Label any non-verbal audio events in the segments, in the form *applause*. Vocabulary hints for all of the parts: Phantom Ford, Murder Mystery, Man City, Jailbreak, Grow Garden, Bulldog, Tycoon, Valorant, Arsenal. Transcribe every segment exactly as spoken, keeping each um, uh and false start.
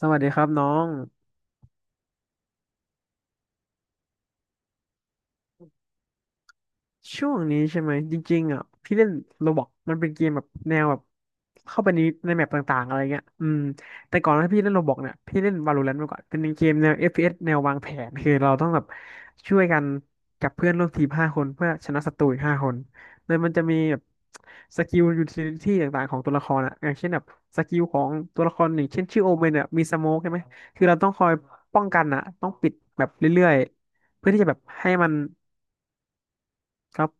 สวัสดีครับน้อง ช่วงนี้ใช่ไหมจริงๆอ่ะพี่เล่นโรบอกมันเป็นเกมแบบแนวแบบเข้าไปในในแมปต่างๆอะไรเงี้ยอืมแต่ก่อนที่พี่เล่นโรบอกเนี่ยพี่เล่น Valorant มาก่อนเป็นเกมแนว เอฟ พี เอส แนววางแผนคือเราต้องแบบช่วยกันกับเพื่อนร่วมทีมห้าคนเพื่อชนะศัตรูอีกห้าคนโดยมันจะมีแบบสกิลยูทิลิตี้ต่างๆของตัวละครอ่ะอย่างเช่นแบบสกิลของตัวละครหนึ่งเช่นชื่อโอเมนเนี่ยมีสโมกใช่ไหมคือเราต้องคอยป้องกันอ่ะต้องปิดแบบเรื่อยๆเพื่อที่จะแบบให้มัน ครับ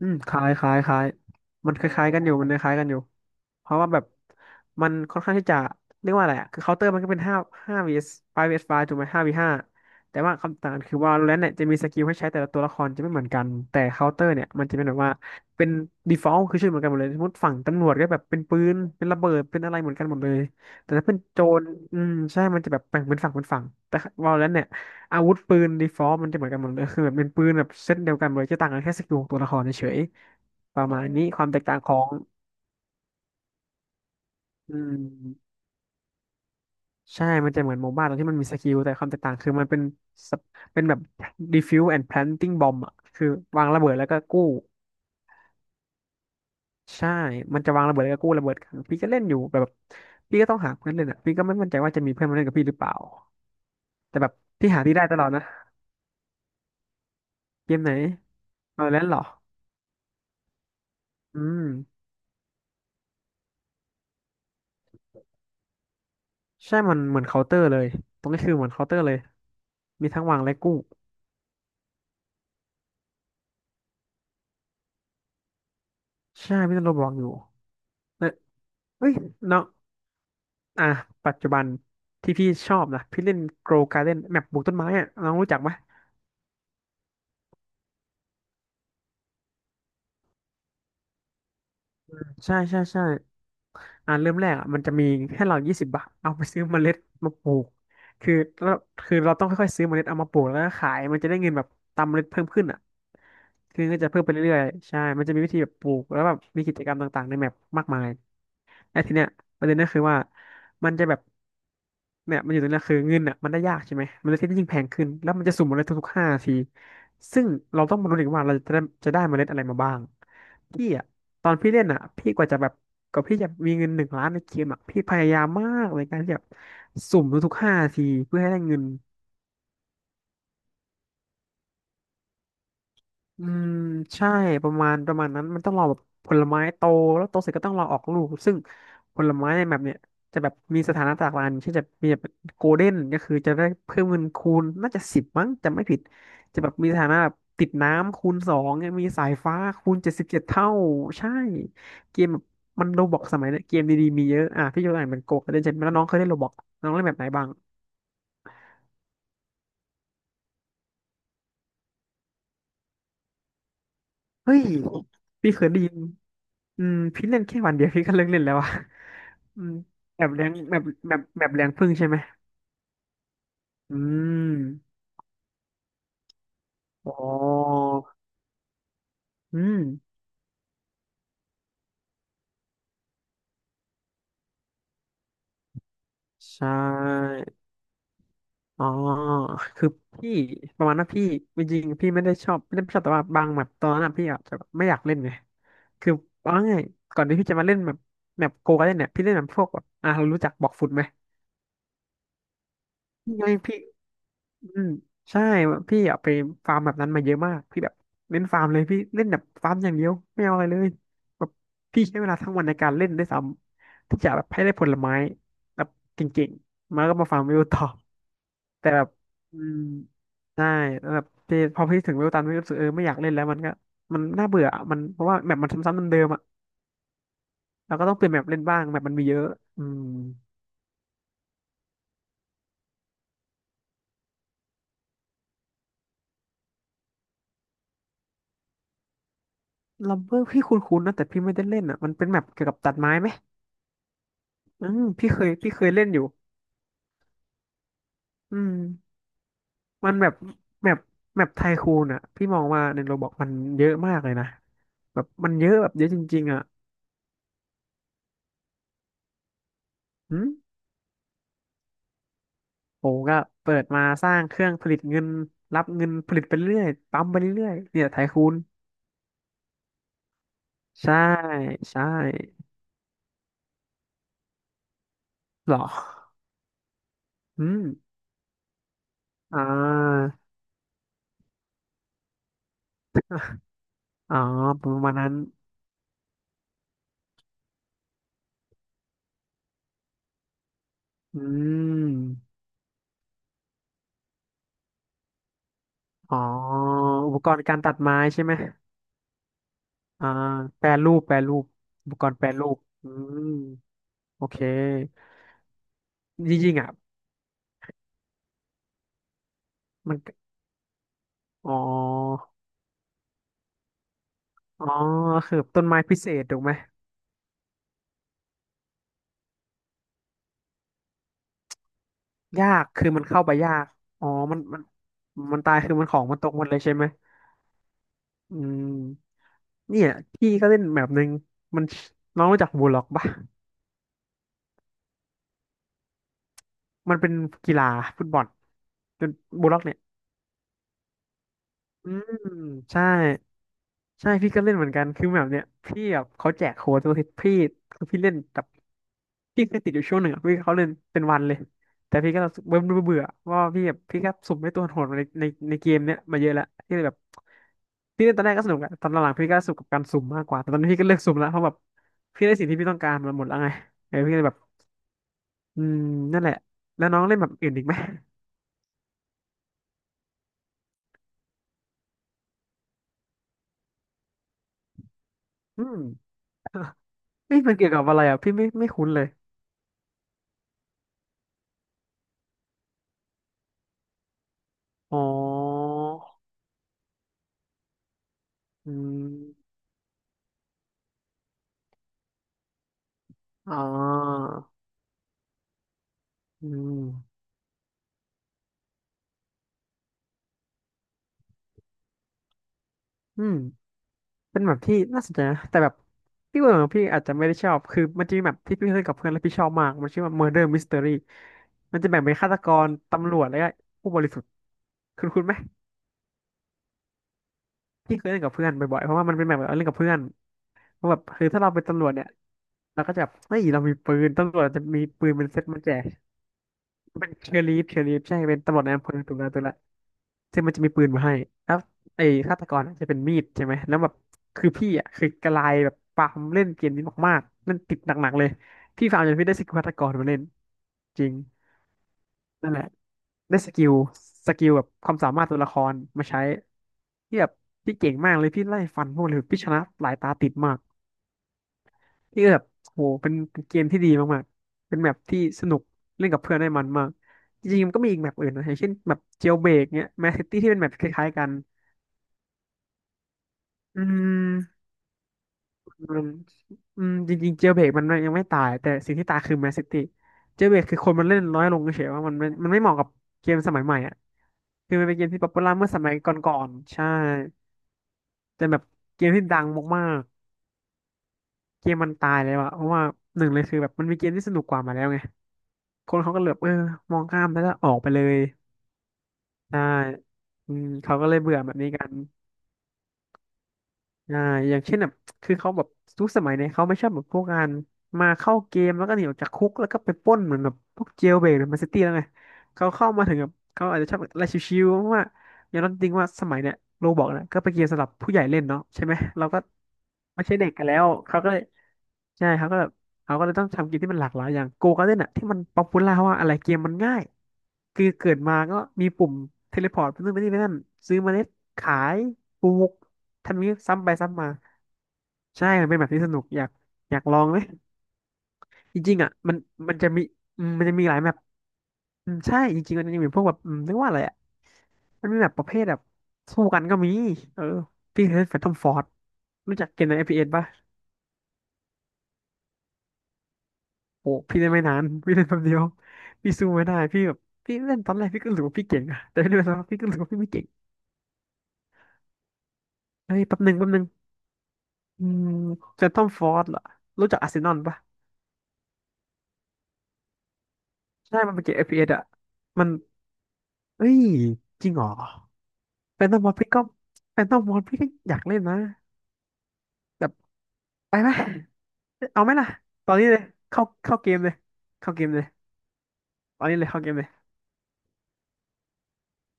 อืมคล้ายคล้ายคล้ายมันคล้ายๆกันอยู่ มันคล้ายๆกันอยู่ เพราะว่าแบบมันค่อนข้างที่จะเรียกว่าอะไรอะคือเคาน์เตอร์มันก็เป็นห้าห้า vs ห้า vs ห้าถูกไหมห้า v ห้าแต่ว่าคำต่างคือว่าแล้วเนี่ยจะมีสกิลให้ใช้แต่ละตัวละครจะไม่เหมือนกันแต่เคาน์เตอร์เนี่ยมันจะเป็นแบบว่าเป็น default คือชื่อเหมือนกันหมดเลยสมมติฝั่งตำรวจก็แบบเป็นปืนเป็นระเบิดเป็นอะไรเหมือนกันหมดเลยแต่ถ้าเป็นโจรอืมใช่มันจะแบบแบ่งเป็นฝั่งเป็นฝั่งแต่ Valorant เนี่ยอาวุธปืน default มันจะเหมือนกันหมดเลยคือแบบเป็นปืนแบบเซตเดียวกันเลยจะต่างกันแค่สกิลของตัวละครเฉยๆประมาณนี้ความแตกต่างของอืม ใช่มันจะเหมือนโมบ้าตรงที่มันมีสกิลแต่ความแตกต่างคือมันเป็นสเปเป็นแบบ defuse and planting bomb อ่ะคือวางระเบิดแล้วก็กู้ใช่มันจะวางระเบิดแล้วก็กู้ระเบิดกันพี่ก็เล่นอยู่แต่แบบพี่ก็ต้องหาเพื่อนเล่นอ่ะพี่ก็ไม่มั่นใจว่าจะมีเพื่อนมาเล่นกับพี่หรือเปล่าแต่แบบพี่หาที่ได้ตลอดนะเกมไหนเอาแล้วเหรออืมใช่มันเหมือนเคาน์เตอร์เลยตรงนี้คือเหมือนเคาน์เตอร์เลยมีทั้งวางและกู้ใช่พี่ต้องระวังอยู่เอ้ยเอ้ยน้อง อ่ะปัจจุบันที่พี่ชอบนะพี่เล่น Grow Garden แมปปลูกต้นไม้อะน้องรู้จักไหมใช่ใช่ใช่อ่ะเริ่มแรกอ่ะมันจะมีให้เรายี่สิบบาทเอาไปซื้อเมล็ดมาปลูกคือเราคือเราต้องค่อยๆซื้อเมล็ดเอามาปลูกแล้วก็ขายมันจะได้เงินแบบตามเมล็ดเพิ่มขึ้นอ่ะคือก็จะเพิ่มไปเรื่อยๆใช่มันจะมีวิธีแบบปลูกแล้วแบบมีกิจกรรมต่างๆในแมปมากมาย แล้วทีเนี้ยประเด็นก็คือว่ามันจะแบบเนี่ยมันอยู่ตรงเนี้ยคือเงินอ่ะมันได้ยากใช่ไหมมันเลยที่ยิ่งแพงขึ้นแล้วมันจะสุ่มเมล็ดทุกๆห้านาทีซึ่งเราต้องมารู้อีกว่าเราจะได้จะได้เมล็ดอะไรมาบ้างพี่อ่ะตอนพี่เล่นอ่ะพี่กว่าจะแบบกว่าพี่จะมีเงินหนึ่งล้านในเกมอ่ะพี่พยายามมากในการที่จะสุ่มทุกๆห้านาทีเพื่อให้ได้เงิน อืมใช่ประมาณประมาณนั้นมันต้องรอแบบผลไม้โตแล้วโตเสร็จก็ต้องรอออกลูกซึ่งผลไม้ในแบบเนี้ยจะแบบมีสถานะต่างกันเช่นจะมีแบบโกลเด้นก็คือจะได้เพิ่มเงินคูณน่าจะสิบมั้งจำไม่ผิดจะแบบมีสถานะแบบติดน้ำคูณสองเนี่ยมีสายฟ้าคูณเจ็ดสิบเจ็ดเท่าใช่เกมแบบมันโรบอกสมัยเนี้ยเกมดีๆมีเยอะอ่ะพี่ยกตัวอย่างเป็นโกลเด้นใช่ไหมแล้วน้องเคยเล่นโรบอกน้องเล่นแบบไหนบ้าง เฮ้ย พี่เคยได้ยินอืมพี่เล่นแค่วันเดียวพี่ก็เลิกเล่นแล้วอะ *laughs* อืมแบบแรงแบบแบบแบบแรงพึ่งใช่ไหมอืมอ๋ออืมใช่อ๋อคือพี่ประมาณว่าพี่จริงๆพี่ไม่ได้ชอบไม่ได้ชอบแต่ว่าบางแบบตอนนั้นอะพี่อาจจะแบบไม่อยากเล่นไงคือเอาง่ายๆก่อนที่พี่จะมาเล่นแบบแบบโกกันเนี่ยพี่เล่นแบบพวกแบบอ่ะเรารู้จักบอกฟุตไหม ไม่พี่อืมใช่พี่อยากไปฟาร์มแบบนั้นมาเยอะมากพี่แบบเล่นฟาร์มเลยพี่เล่นแบบฟาร์มอย่างเดียวไม่เอาอะไรเลยแบบพี่ใช้เวลาทั้งวันในการเล่นด้วยซ้ำที่จะแบบให้ได้ผลไม้แบบเก่งๆมาก็มาฟาร์มวิวต่อแต่แบบอืมใช่แล้วแบบพี่พอพี่ถึงวิวตันพี่รู้สึกเออไม่อยากเล่นแล้วมันก็มันน่าเบื่ออะมันเพราะว่าแบบมันซ้ำๆเดิมๆอ่ะเราก็ต้องเปลี่ยนแมปเล่นบ้างแบบมันมีเยอะอืมลัมเบอร์พี่คุ้นๆนะแต่พี่ไม่ได้เล่นอ่ะมันเป็นแมปเกี่ยวกับตัดไม้ไหม อืมพี่เคยพี่เคยเล่นอยู่อืมมันแบบแมปแมปไทคูนอ่ะพี่มองว่าในโรบอกมันเยอะมากเลยนะแบบมันเยอะแบบเยอะจริงๆอ่ะอืมผมก็เปิดมาสร้างเครื่องผลิตเงินรับเงินผลิตไปเรื่อยปั๊มไปเรื่อยเนี่ยไทคูนใช่ใช่หรออืมอ่าอ๋อประมาณนั้นอืมอ๋ออุปกรณ์การตัดไม้ใช่ไหมอ่าแปรรูปแปรรูปอุปกรณ์แปรรูปอืม โอเคจริงๆอ่ะมันอ๋ออ๋อคือต้นไม้พิเศษถูกไหมยากคือมันเข้าไปยากอ๋อมันมันมันตายคือมันของมันตกหมดเลยใช่ไหมอืมเนี่ยพี่ก็เล่นแบบหนึ่งมันน้องรู้จักบูลล็อกปะมันเป็นกีฬาฟุตบอลเป็นบูลล็อกเนี่ยอืมใช่ ใช่พี่ก็เล่นเหมือนกันคือแบบเนี้ยพี่แบบเขาแจกโค้ดตัวทิศพี่คือพี่เล่นแบบพี่เคยติดอยู่ช่วงหนึ่งอะพี่เขาเล่นเป็นวันเลยแต่พี่ก็รู้สึกเบื่อเบื่อว่าพี่แบบพี่ก็สุ่มให้ตัวโหดมาในในในเกมเนี้ยมาเยอะแล้วพี่เลยแบบพี่เล่นตอนแรกก็สนุกอะตอนหลังๆพี่ก็สนุกกับการสุ่มมากกว่าแต่ตอนนี้พี่ก็เลิกสุ่มแล้วเพราะแบบพี่ได้สิ่งที่พี่ต้องการมาหมดแล้วไงเออพี่ก็เลยแบบอืมนั่นแหละแล้วน้องเล่นแบบอื่นอีกไหมอืม *laughs* เมันเกี่ยวกับอะไรอ่ะพี่ไม่ไม่คุ้นเลยอ๋ออืมอ๋อ อืมอืมเป็นแบบที่น่าสนใจนะแต่แบบพี่เบื่อของพี่อาจจะไม่ได้ชอบคือมันจะมีแบบที่พี่เคยกับเพื่อนแล้วพี่ชอบมากมันชื่อว่า Murder Mystery มันจะแบ่งเป็นฆาตกรตำรวจแล้วก็ผู้บริสุทธิ์คุณคุณไหมพี่เคยเล่นกับเพื่อนบ่อยๆเพราะว่ามันเป็นแบบเอล่นกับเพื่อนเพราะแบบคือถ้าเราเป็นตำรวจเนี่ยเราก็จะแบบเฮ้ยเรามีปืนตำรวจจะมีปืนเป็นเซตมาแจกเป็นเชอรลีฟเชอรลีฟใช่เป็นตำรวจในอำเภอตุลาตุลา ซึ่งมันจะมีปืนมาให้แล้วไอ้ฆาตกรน่ะจะเป็นมีดใช่ไหมแล้วแบบคือพี่อ่ะคือกระลายแบบปามเล่นเกมนี้มากๆเล่นติดหนักๆเลยพี่ฟาร์มจนพี่ได้สกิลฆาตกรมาเล่นจริงนั่นแหละได้สกิลสกิลแบบความสามารถตัวละครมาใช้ที่แบบพี่เก่งมากเลยพี่ไล่ฟันพวกเลยพี่ชนะหลายตาติดมากพี่ก็แบบโหเป็นเป็นเกมที่ดีมากๆเป็นแมปที่สนุกเล่นกับเพื่อนได้มันมากจริงๆมันก็มีอีกแมปอื่นนะอย่างเช่นแบบเจลเบรกเนี้ยแมสซิตี้ที่เป็นแมปคล้ายๆกันอืม มันอืมจริงๆเจลเบรกมันยังไม่ตายแต่สิ่งที่ตายคือแมนซิตี้เจลเบรกคือคนมันเล่นน้อยลงเฉยๆว่ามันไม่มันไม่เหมาะกับเกมสมัยใหม่อ่ะคือมันเป็นเกมที่ป๊อปปูล่าเมื่อสมัยก่อนๆใช่แต่แบบเกมที่ดังมากๆเกมมันตายเลยว่ะเพราะว่าหนึ่งเลยคือแบบมันมีเกมที่สนุกกว่ามาแล้วไงคนเขาก็เหลือบเออมองข้ามแล้วก็ออกไปเลยใช่อืมเขาก็เลยเบื่อแบบนี้กัน อ่าอย่างเช่นแบบคือเขาแบบทุกสมัยเนี่ยเขาไม่ชอบแบบพวกการมาเข้าเกมแล้วก็หนีออกจากคุกแล้วก็ไปปล้นเหมือนแบบพวกเจลเบรกหรือแมนซิตี้แล้วไงเขาเข้ามาถึงแบบเขาอาจจะชอบอะไรชิวๆเพราะว่าอย่างนั้นจริงว่าสมัยเนี่ยโรบอกนะก็เป็นเกมสำหรับผู้ใหญ่เล่นเนาะใช่ไหมเราก็ไม่ใช่เด็กกันแล้วเขาก็เลยใช่เขาก็แบบเขาก็เลยต้องทำเกมที่มันหลากหลายอย่างโกการ์เด้นอะที่มันป๊อปปูล่าว่าอะไรเกมมันง่ายคือเกิดมาก็มีปุ่มเทเลพอร์ตไปนู่นไปนี่ไปนั่นซื้อเมล็ดขายปลูก ทันนี้ซ้ำไปซ้ำมาใช่มันเป็นแบบที่สนุกอยากอยากลองไหมจริงๆอ่ะมันมันจะมีอืมมันจะมีหลายแมปอืมใช่จริงๆมันจะมีพวกแบบอืมเรียกว่าอะไรอ่ะมันมีแบบประเภทแบบสู้กันก็มีเออพี่เคยเล่นแฟนทอมฟอร์ดรู้จักเกมใน เอฟ พี เอส ป่ะโอ้พี่เล่นไม่นานพี่เล่นแป๊บเดียวพี่สู้ไม่ได้พี่แบบพี่เล่นตอนแรกพี่ก็รู้ว่าพี่เก่งอะแต่เล่นไปสักพักพี่ก็รู้ว่าพี่ไม่เก่งเฮ้ยแป๊บหนึ่งแป๊บหนึ่งอืมแฟนทอมฟอร์ดเหรอรู้จักอาร์เซนอลป่ะใช่มันเป็นเกม เอฟ พี เอส อฟพีเอสอ่ะมันเอ้ยจริงเหรอ แฟนตาบอลพี่ก็แฟนตาบอลพี่ก็อยากเล่นนะแบบไปไหมเอาไหมล่ะตอนนี้เลยเข้าเข้าเกมเลยเข้าเกมเลยตอนนี้เลยเข้าเกมเลย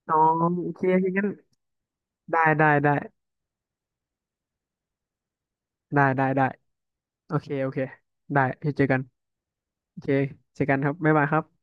อ๋อโอเคโอเคงั้นได้ได้ได้ได้ได้ได้โอเคโอเคได้เดี๋ยวเจอกันโอเคเจอกันครับบ๊ายบายครับ